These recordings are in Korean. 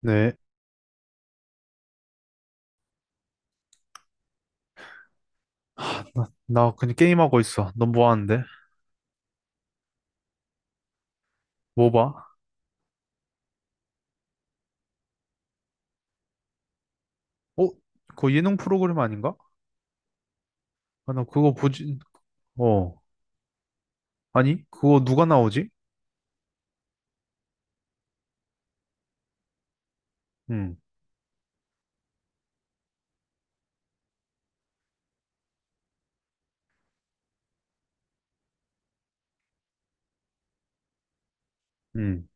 네. 나 그냥 게임하고 있어. 넌 뭐 하는데? 뭐 봐? 어? 그거 예능 프로그램 아닌가? 아, 나 그거 보지, 어. 아니? 그거 누가 나오지? 응, 응.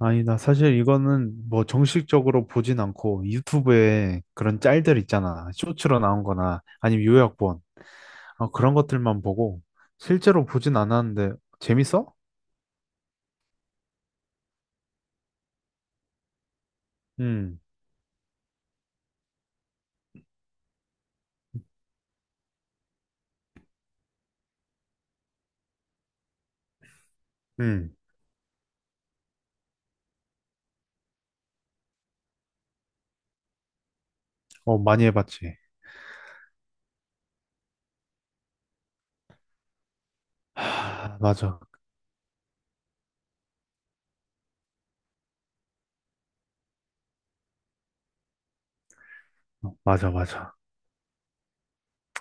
아니, 나 사실 이거는 뭐 정식적으로 보진 않고 유튜브에 그런 짤들 있잖아. 쇼츠로 나온 거나 아니면 요약본. 아, 그런 것들만 보고 실제로 보진 않았는데 재밌어? 응, 응. 어, 많이 해봤지. 하, 맞아. 어, 맞아, 맞아.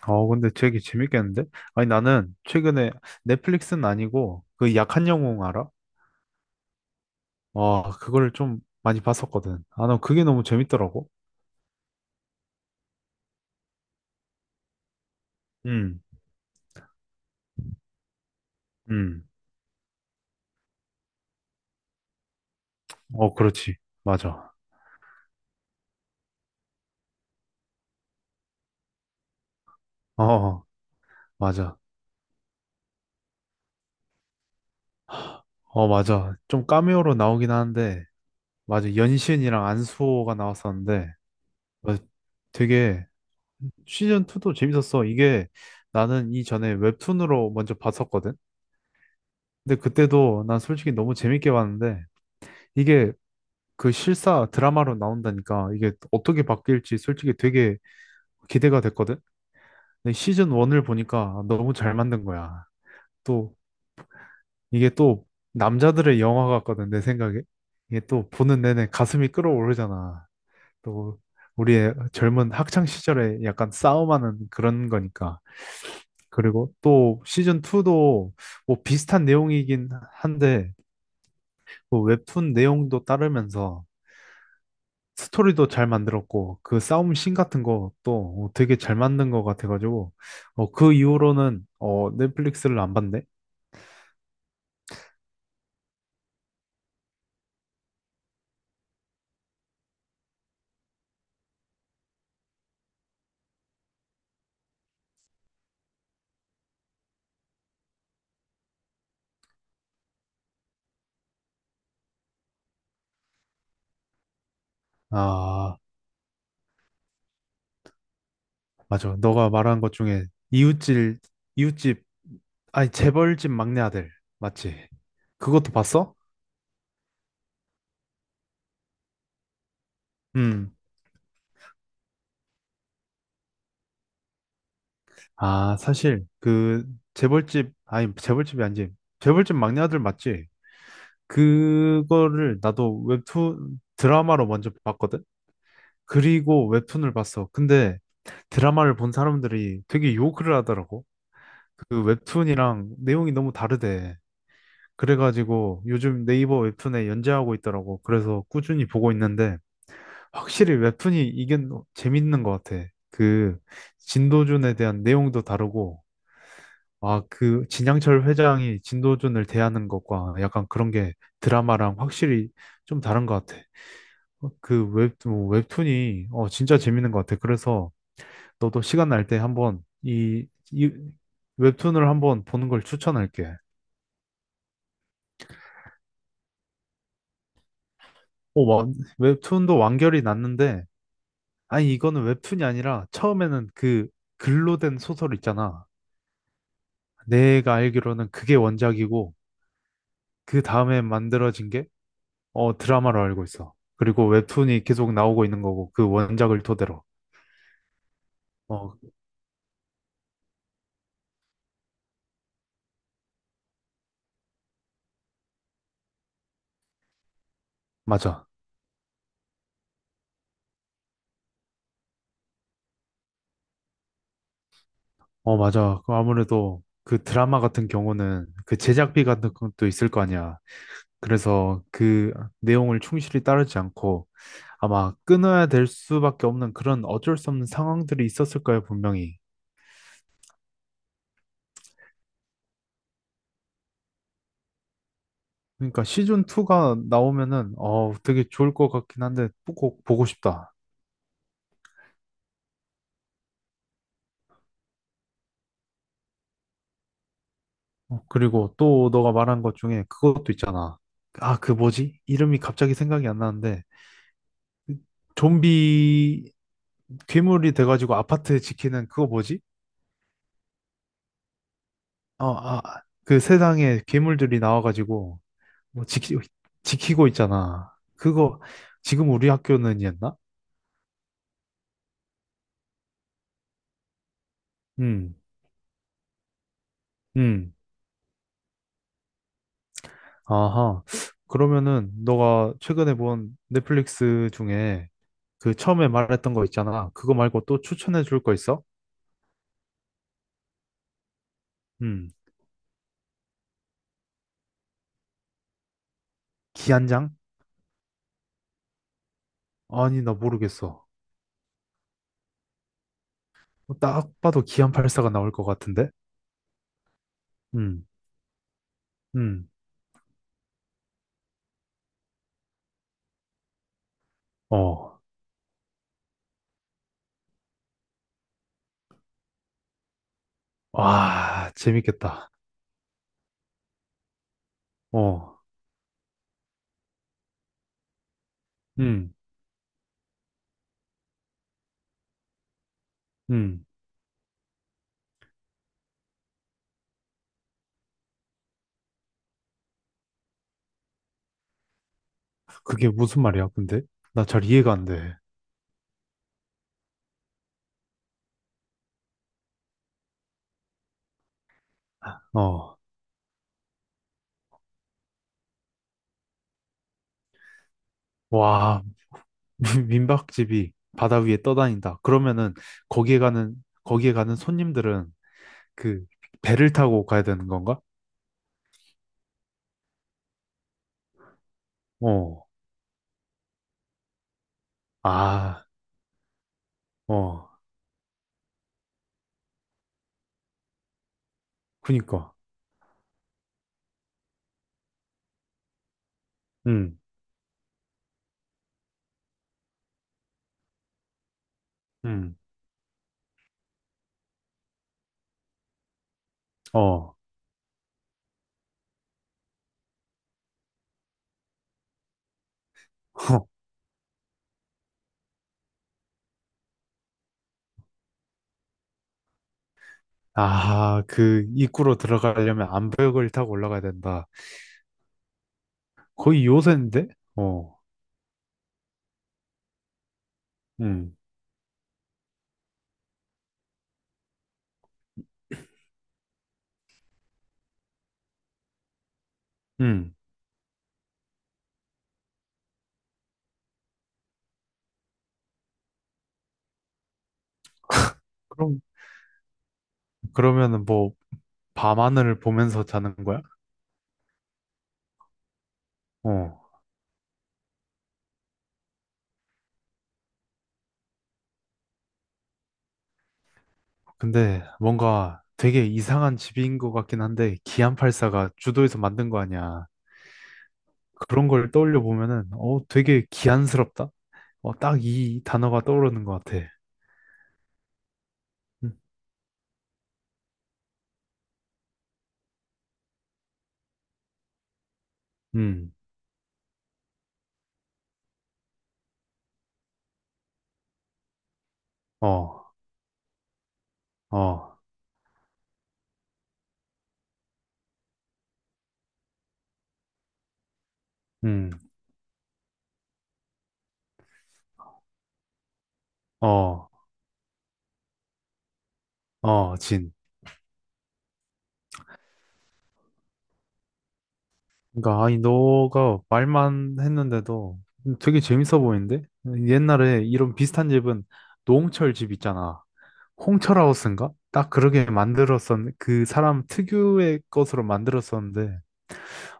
어, 근데 되게 재밌겠는데? 아니, 나는 최근에 넷플릭스는 아니고 그 약한 영웅 알아? 와, 그거를 좀 많이 봤었거든. 아, 나 그게 너무 재밌더라고. 음, 음. 어, 그렇지. 맞아. 어, 맞아. 어, 맞아. 좀 카메오로 나오긴 하는데, 맞아. 연신이랑 안수호가 나왔었는데, 맞아. 되게 시즌 2도 재밌었어. 이게 나는 이전에 웹툰으로 먼저 봤었거든. 근데 그때도 난 솔직히 너무 재밌게 봤는데, 이게 그 실사 드라마로 나온다니까 이게 어떻게 바뀔지 솔직히 되게 기대가 됐거든. 근데 시즌 1을 보니까 너무 잘 만든 거야. 또 이게 또 남자들의 영화 같거든 내 생각에. 이게 또 보는 내내 가슴이 끓어오르잖아. 또 우리의 젊은 학창 시절에 약간 싸움하는 그런 거니까. 그리고 또 시즌 2도 뭐 비슷한 내용이긴 한데 뭐 웹툰 내용도 따르면서 스토리도 잘 만들었고 그 싸움 씬 같은 것도 어, 되게 잘 만든 것 같아가지고 어, 그 이후로는 어, 넷플릭스를 안 봤네. 아 맞아. 너가 말한 것 중에 이웃집 이웃집 아니 재벌집 막내 아들 맞지? 그것도 봤어? 음. 아 사실 그 재벌집 아니 재벌집이 아니지 재벌집 막내 아들 맞지? 그거를 나도 웹툰 드라마로 먼저 봤거든. 그리고 웹툰을 봤어. 근데 드라마를 본 사람들이 되게 욕을 하더라고. 그 웹툰이랑 내용이 너무 다르대. 그래가지고 요즘 네이버 웹툰에 연재하고 있더라고. 그래서 꾸준히 보고 있는데 확실히 웹툰이 이게 너- 재밌는 것 같아. 그 진도준에 대한 내용도 다르고 아, 그 진양철 회장이 진도준을 대하는 것과 약간 그런 게 드라마랑 확실히 좀 다른 것 같아. 어, 그 웹, 뭐 웹툰이 어, 진짜 재밌는 것 같아. 그래서 너도 시간 날 때 한번 이 웹툰을 한번 보는 걸 추천할게. 어, 와, 웹툰도 완결이 났는데, 아니, 이거는 웹툰이 아니라 처음에는 그 글로 된 소설 있잖아. 내가 알기로는 그게 원작이고, 그 다음에 만들어진 게 어, 드라마로 알고 있어. 그리고 웹툰이 계속 나오고 있는 거고, 그 원작을 토대로. 어, 맞아. 어, 맞아. 그 아무래도 그 드라마 같은 경우는 그 제작비 같은 것도 있을 거 아니야. 그래서 그 내용을 충실히 따르지 않고 아마 끊어야 될 수밖에 없는 그런 어쩔 수 없는 상황들이 있었을 거예요, 분명히. 그러니까 시즌 2가 나오면은 어 되게 좋을 것 같긴 한데 꼭 보고 싶다. 어, 그리고 또 너가 말한 것 중에 그것도 있잖아. 아, 그 뭐지? 이름이 갑자기 생각이 안 나는데 좀비 괴물이 돼가지고 아파트 지키는 그거 뭐지? 어, 아, 그 세상에 괴물들이 나와가지고 뭐 지키, 지키고 있잖아. 그거 지금 우리 학교는이었나? 음, 음. 아하. 그러면은 너가 최근에 본 넷플릭스 중에 그 처음에 말했던 거 있잖아. 그거 말고 또 추천해 줄 거 있어? 음. 기안장? 아니, 나 모르겠어. 딱 봐도 기안84가 나올 것 같은데? 음, 음. 어. 와, 재밌겠다. 어. 음, 음. 그게 무슨 말이야, 근데? 나 잘 이해가 안 돼. 어. 와, 민박집이 바다 위에 떠다닌다. 그러면은 거기에 가는 손님들은 그 배를 타고 가야 되는 건가? 어. 아, 어. 그니까. 음. 음. 어. 아, 그 입구로 들어가려면 암벽을 타고 올라가야 된다. 거의 요새인데? 어. 음. 음. 그럼 그러면은 뭐 밤하늘을 보면서 자는 거야? 어. 근데 뭔가 되게 이상한 집인 것 같긴 한데 기안팔사가 주도해서 만든 거 아니야. 그런 걸 떠올려 보면은 어 되게 기안스럽다. 어 딱 이 단어가 떠오르는 것 같아. 음, 음, 어, 어, 음, 어, 어, 진. 그러니까 아니 너가 말만 했는데도 되게 재밌어 보이는데? 옛날에 이런 비슷한 집은 노홍철 집 있잖아. 홍철하우스인가? 딱 그러게 그 사람 특유의 것으로 만들었었는데,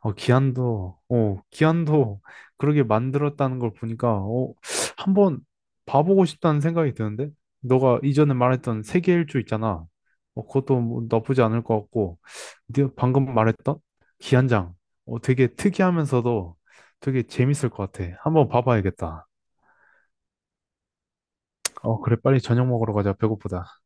어, 기안도, 그렇게 만들었다는 걸 보니까, 어, 한번 봐보고 싶다는 생각이 드는데? 너가 이전에 말했던 세계 일주 있잖아. 어, 그것도 뭐 나쁘지 않을 것 같고, 네가 방금 말했던 기안장, 어, 되게 특이하면서도 되게 재밌을 것 같아. 한번 봐봐야겠다. 어, 그래, 빨리 저녁 먹으러 가자. 배고프다.